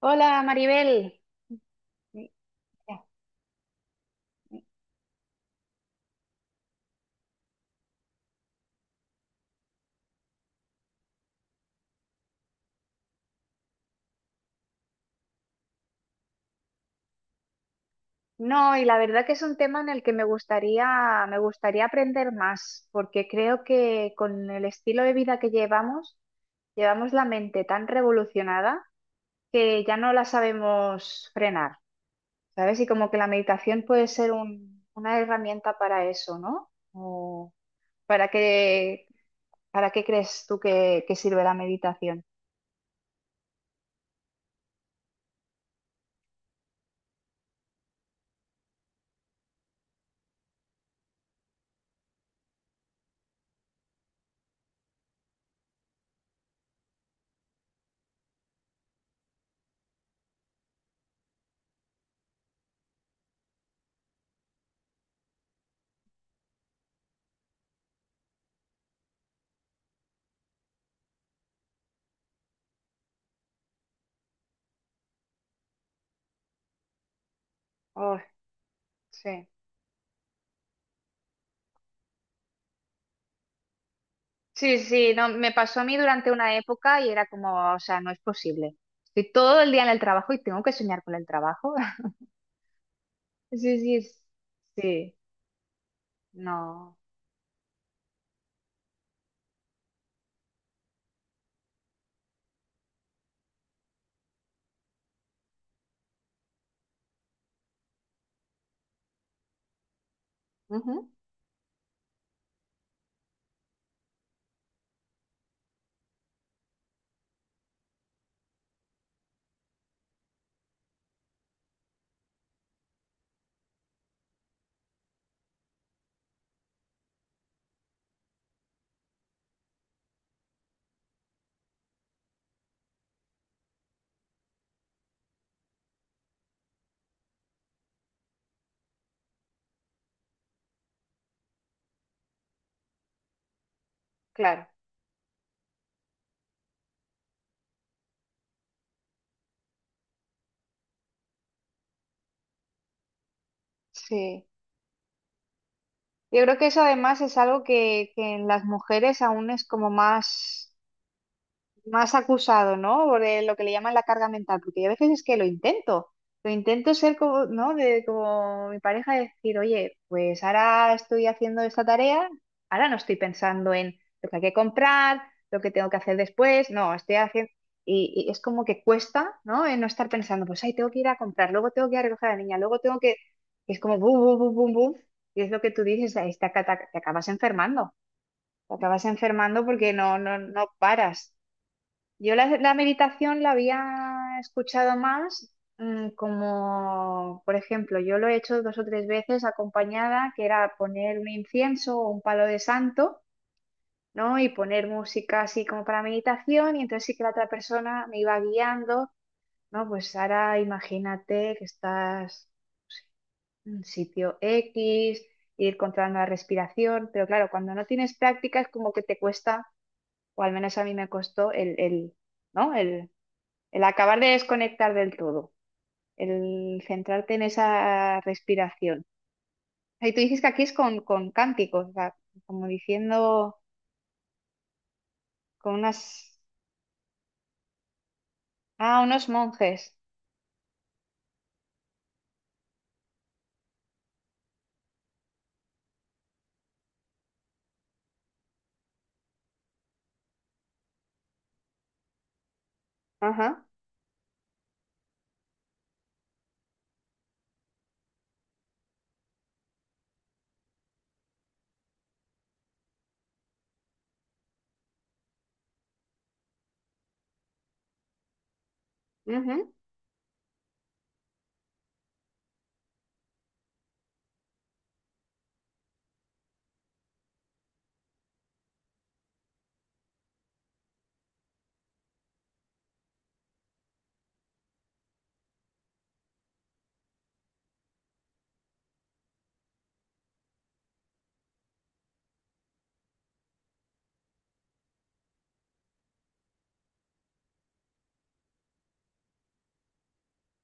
Hola Maribel. Mira, no, y la verdad que es un tema en el que me gustaría aprender más, porque creo que con el estilo de vida que llevamos, llevamos la mente tan revolucionada que ya no la sabemos frenar, ¿sabes? Y como que la meditación puede ser una herramienta para eso, ¿no? O ¿para qué, para qué crees tú que sirve la meditación? Oh, sí. Sí, sí, no, me pasó a mí durante una época y era como, o sea, no es posible. Estoy todo el día en el trabajo y tengo que soñar con el trabajo. Sí, sí, sí, no. Ujú, claro, sí. Yo creo que eso además es algo que en las mujeres aún es como más... más acusado, ¿no? Por lo que le llaman la carga mental, porque yo a veces es que lo intento ser como, ¿no? De, como mi pareja, decir, oye, pues ahora estoy haciendo esta tarea, ahora no estoy pensando en lo que hay que comprar, lo que tengo que hacer después, no, estoy haciendo... Y es como que cuesta, ¿no? En no estar pensando, pues, ay, tengo que ir a comprar, luego tengo que ir a recoger a la niña, luego tengo que... Es como, bum, bum, bum, bum, bum. Y es lo que tú dices, ahí te acabas enfermando porque no paras. Yo la meditación la había escuchado más como, por ejemplo, yo lo he hecho 2 o 3 veces acompañada, que era poner un incienso o un palo de santo, ¿no? Y poner música así como para meditación, y entonces sí que la otra persona me iba guiando, ¿no? Pues ahora imagínate que estás en sitio X, ir controlando la respiración, pero claro, cuando no tienes práctica es como que te cuesta, o al menos a mí me costó ¿no? El acabar de desconectar del todo, el centrarte en esa respiración. Y tú dices que aquí es con cánticos, o sea, como diciendo con unas... Ah, unos monjes. Ajá. Ujú.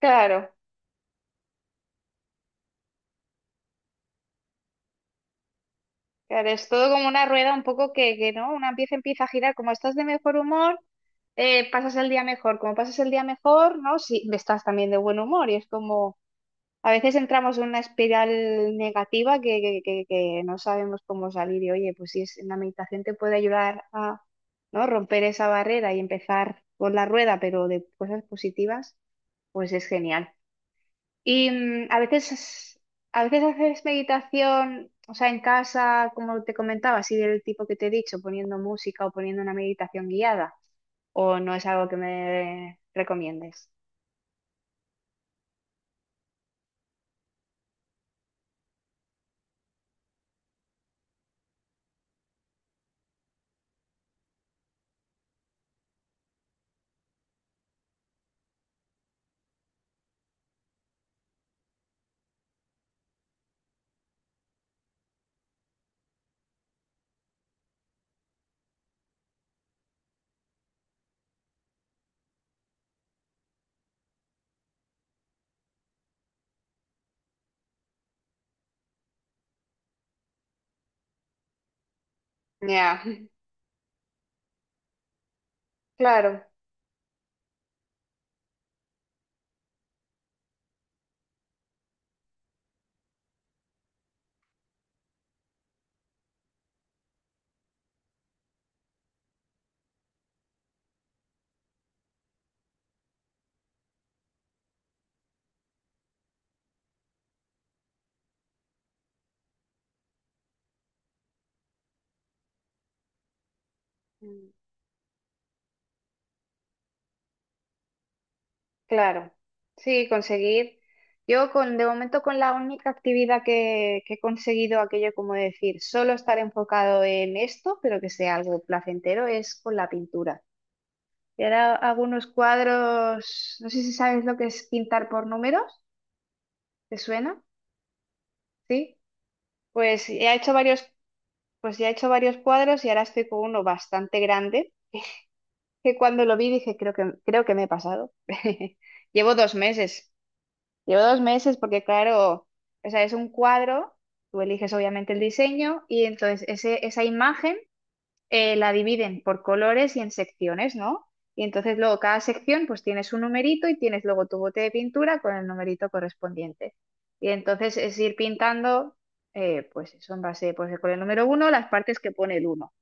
Claro, claro, es todo como una rueda un poco que ¿no? Una pieza empieza a girar, como estás de mejor humor, pasas el día mejor, como pasas el día mejor, ¿no? Sí, estás también de buen humor y es como... A veces entramos en una espiral negativa que no sabemos cómo salir y oye, pues si es, la meditación te puede ayudar a ¿no? romper esa barrera y empezar con la rueda, pero de cosas positivas, pues es genial. Y a veces haces meditación, o sea, en casa, como te comentaba, así del tipo que te he dicho, poniendo música o poniendo una meditación guiada, o no es algo que me recomiendes. Ya, claro. Claro, sí, conseguir. Yo con, de momento con la única actividad que he conseguido aquello como decir, solo estar enfocado en esto, pero que sea algo placentero, es con la pintura. Y ahora hago unos cuadros, no sé si sabes lo que es pintar por números, ¿te suena? Sí. Pues ya he hecho varios, pues ya he hecho varios cuadros y ahora estoy con uno bastante grande, que cuando lo vi dije, creo que me he pasado. Llevo 2 meses. Llevo dos meses porque, claro, o sea, es un cuadro, tú eliges obviamente el diseño y entonces esa imagen la dividen por colores y en secciones, ¿no? Y entonces luego cada sección pues tienes un numerito y tienes luego tu bote de pintura con el numerito correspondiente. Y entonces es ir pintando, pues eso en base, pues con el número uno, las partes que pone el uno.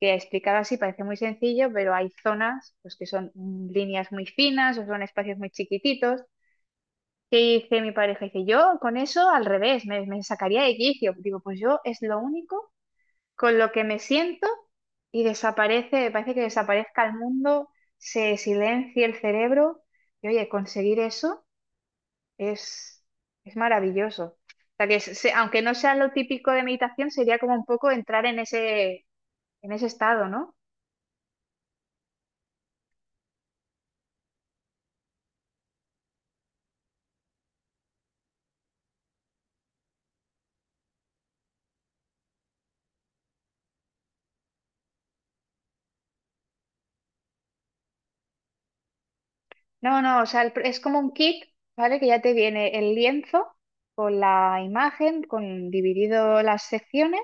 Que explicado así parece muy sencillo, pero hay zonas pues que son líneas muy finas o son espacios muy chiquititos que dice mi pareja, dice, yo con eso al revés, me sacaría de quicio. Digo, pues yo es lo único con lo que me siento y desaparece, parece que desaparezca el mundo, se silencia el cerebro y oye, conseguir eso es, es maravilloso. O sea que aunque no sea lo típico de meditación, sería como un poco entrar en ese estado, ¿no? No, no, o sea, el es como un kit, ¿vale? Que ya te viene el lienzo con la imagen, con dividido las secciones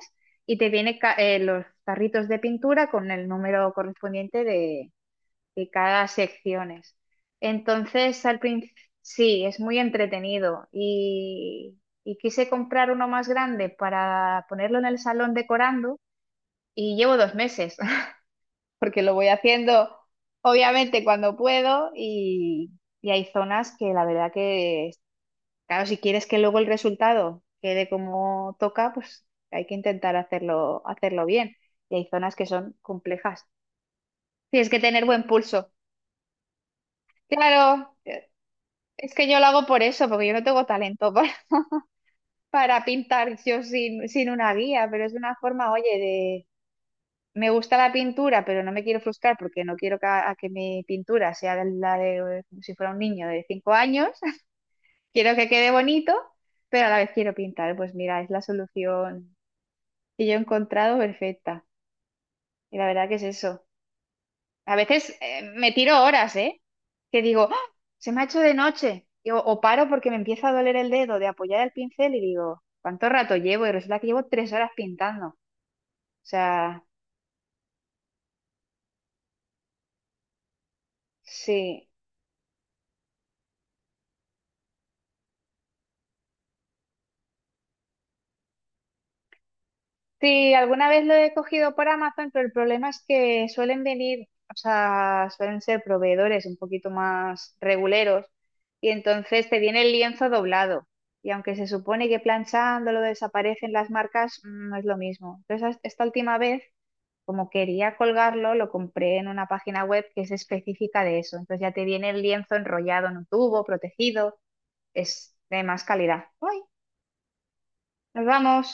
y te viene los tarritos de pintura con el número correspondiente de cada secciones. Entonces, al principio, sí, es muy entretenido y quise comprar uno más grande para ponerlo en el salón decorando y llevo 2 meses, porque lo voy haciendo obviamente cuando puedo y hay zonas que la verdad que, claro, si quieres que luego el resultado quede como toca, pues hay que intentar hacerlo bien. Y hay zonas que son complejas. Tienes que tener buen pulso. Claro, es que yo lo hago por eso, porque yo no tengo talento para pintar yo sin, sin una guía, pero es una forma, oye, me gusta la pintura, pero no me quiero frustrar porque no quiero que, a que mi pintura sea de la de como si fuera un niño de 5 años. Quiero que quede bonito, pero a la vez quiero pintar. Pues mira, es la solución que yo he encontrado perfecta. Y la verdad que es eso. A veces me tiro horas, ¿eh? Que digo, "¡Ah! se me ha hecho de noche. Y o paro porque me empieza a doler el dedo de apoyar el pincel y digo, ¿cuánto rato llevo? Y resulta que llevo 3 horas pintando. O sea, sí. Sí, alguna vez lo he cogido por Amazon, pero el problema es que suelen venir, o sea, suelen ser proveedores un poquito más reguleros y entonces te viene el lienzo doblado. Y aunque se supone que planchándolo desaparecen las marcas, no es lo mismo. Entonces, esta última vez, como quería colgarlo, lo compré en una página web que es específica de eso. Entonces ya te viene el lienzo enrollado en un tubo, protegido, es de más calidad. ¡Uy! ¡Nos vamos!